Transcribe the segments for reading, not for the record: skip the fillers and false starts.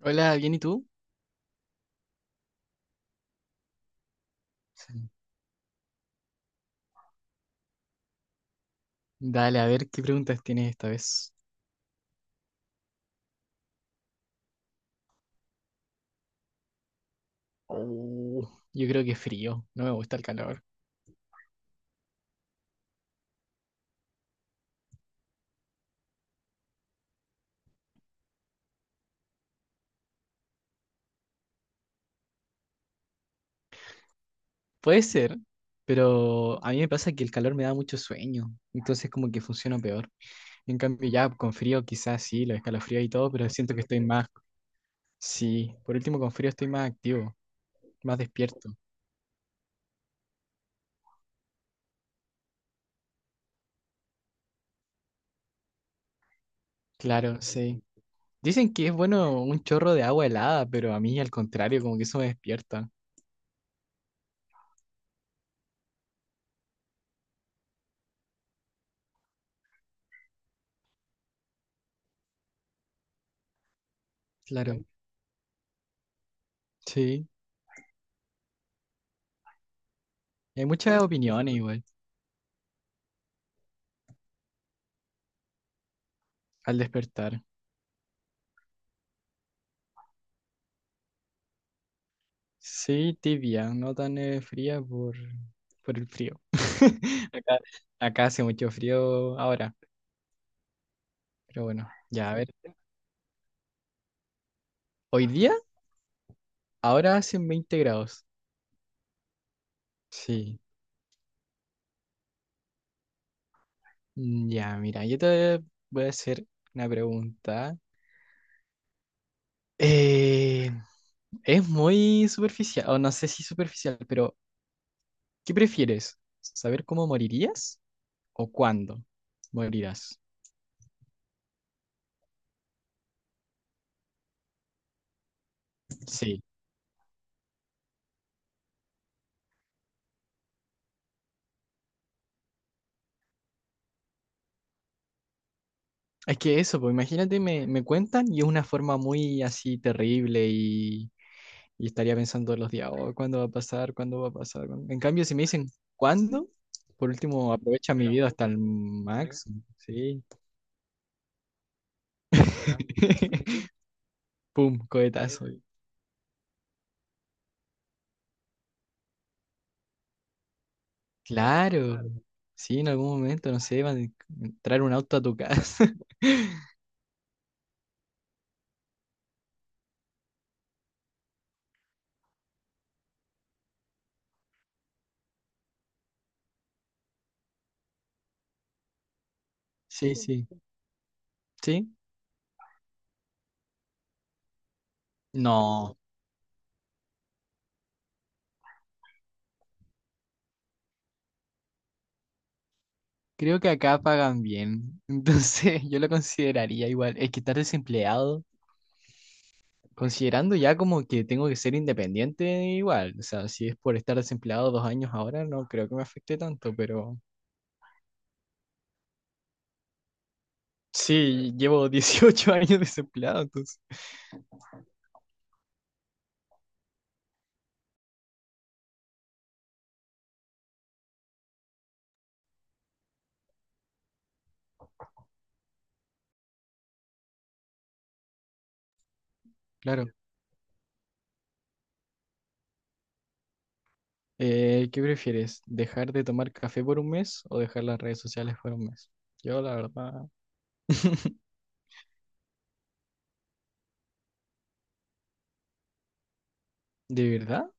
Hola, ¿bien y tú? Dale, a ver qué preguntas tienes esta vez. Oh, yo creo que frío, no me gusta el calor. Puede ser, pero a mí me pasa que el calor me da mucho sueño, entonces como que funciona peor. En cambio ya con frío quizás sí, los escalofríos y todo, pero siento que estoy más, sí, por último con frío estoy más activo, más despierto. Claro, sí. Dicen que es bueno un chorro de agua helada, pero a mí al contrario, como que eso me despierta. Claro, sí. Hay muchas opiniones igual al despertar. Sí, tibia, no tan fría por el frío. Acá, acá hace mucho frío ahora, pero bueno, ya a ver. Hoy día, ahora hacen 20 grados. Sí. Ya, mira, yo te voy a hacer una pregunta. Eh, es muy superficial, o no sé si superficial, pero ¿qué prefieres? ¿Saber cómo morirías o cuándo morirás? Sí. Es que eso, pues imagínate, me cuentan y es una forma muy así terrible y estaría pensando todos los días, oh, ¿cuándo va a pasar? ¿Cuándo va a pasar? ¿Cuándo? En cambio, si me dicen, ¿cuándo? Por último, aprovecha mi vida hasta el máximo, sí. Pum, cohetazo. Claro, sí, en algún momento, no sé, van a entrar un auto a tu casa. Sí, sí, sí. No, creo que acá pagan bien. Entonces, yo lo consideraría igual. Es que estar desempleado. Considerando ya como que tengo que ser independiente igual, o sea, si es por estar desempleado 2 años ahora, no creo que me afecte tanto, pero sí, llevo 18 años desempleado, entonces, claro. ¿Qué prefieres? ¿Dejar de tomar café por un mes o dejar las redes sociales por un mes? Yo, la verdad, ¿de verdad?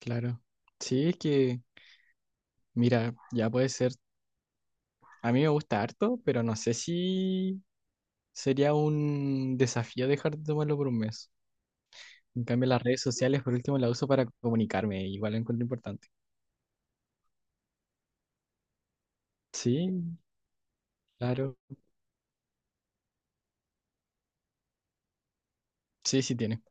Claro. Sí, es que, mira, ya puede ser, a mí me gusta harto, pero no sé si sería un desafío dejar de tomarlo por un mes. En cambio, las redes sociales, por último, las uso para comunicarme. Igual lo encuentro importante. Sí, claro. Sí, sí tiene.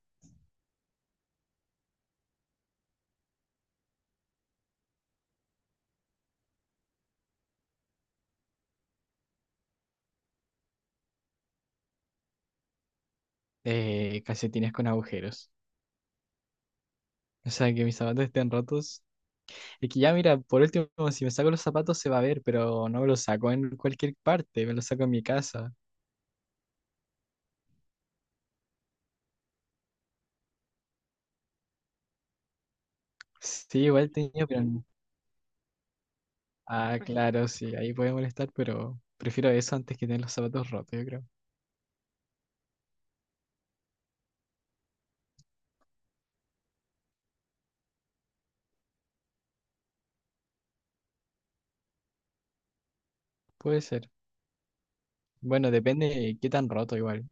Calcetines con agujeros. O sea, que mis zapatos estén rotos. Es que ya, mira, por último, si me saco los zapatos se va a ver, pero no me los saco en cualquier parte, me los saco en mi casa. Sí, igual tenía, pero Ah, claro, sí, ahí puede molestar, pero prefiero eso antes que tener los zapatos rotos, yo creo. Puede ser. Bueno, depende de qué tan roto igual.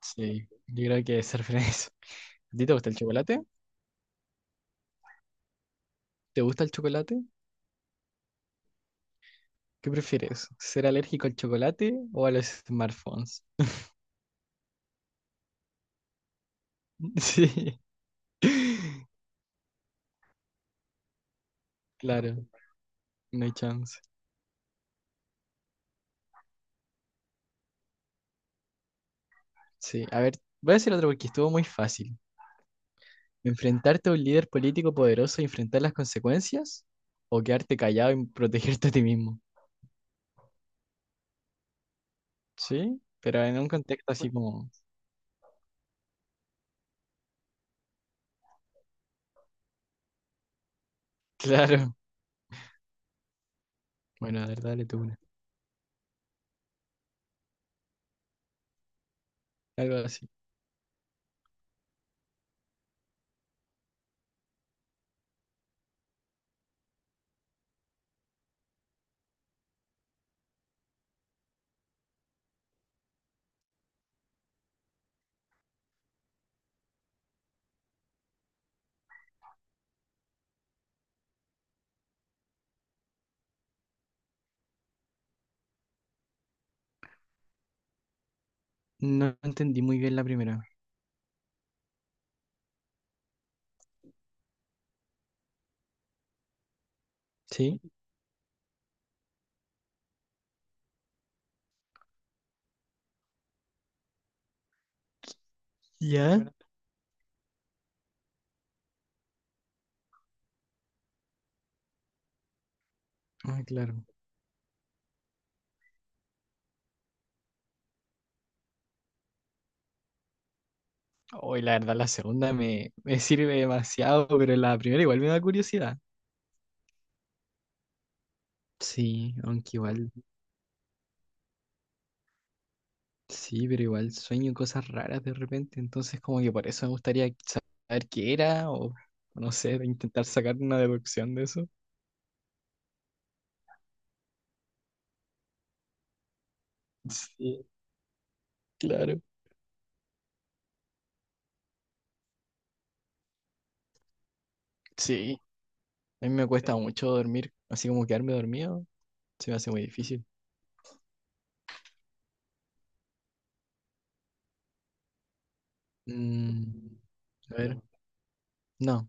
Sí, yo creo que ser feliz. ¿A ti te gusta el chocolate? ¿Te gusta el chocolate? ¿Qué prefieres? ¿Ser alérgico al chocolate o a los smartphones? Sí, claro, no hay chance. Sí, a ver, voy a decir otro porque estuvo muy fácil. ¿Enfrentarte a un líder político poderoso y enfrentar las consecuencias? ¿O quedarte callado y protegerte a ti mismo? Sí, pero en un contexto así como... Claro. Bueno, a ver, dale tú una. Algo así. No entendí muy bien la primera. ¿Sí? ¿Ya? Ah, claro. Hoy la verdad, la segunda me sirve demasiado, pero la primera igual me da curiosidad. Sí, aunque igual, sí, pero igual sueño cosas raras de repente, entonces como que por eso me gustaría saber qué era o no sé, de intentar sacar una deducción de eso. Sí, claro. Sí, a mí me cuesta mucho dormir, así como quedarme dormido, se me hace muy difícil. Mm, a ver, no,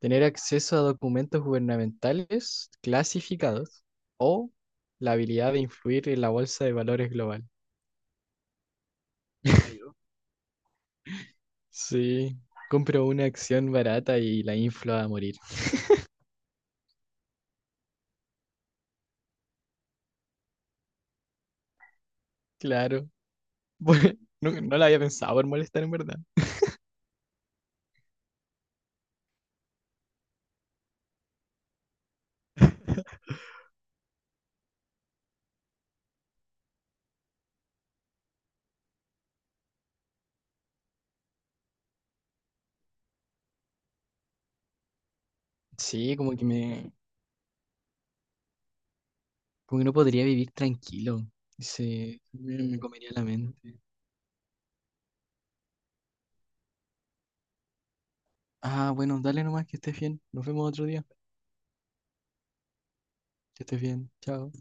tener acceso a documentos gubernamentales clasificados o la habilidad de influir en la bolsa de valores global. Sí, compro una acción barata y la inflo a morir. Claro. Bueno, no, no la había pensado por molestar en verdad. Sí, como que como que no podría vivir tranquilo. Se me comería la mente. Ah, bueno, dale nomás que estés bien. Nos vemos otro día. Que estés bien. Chao.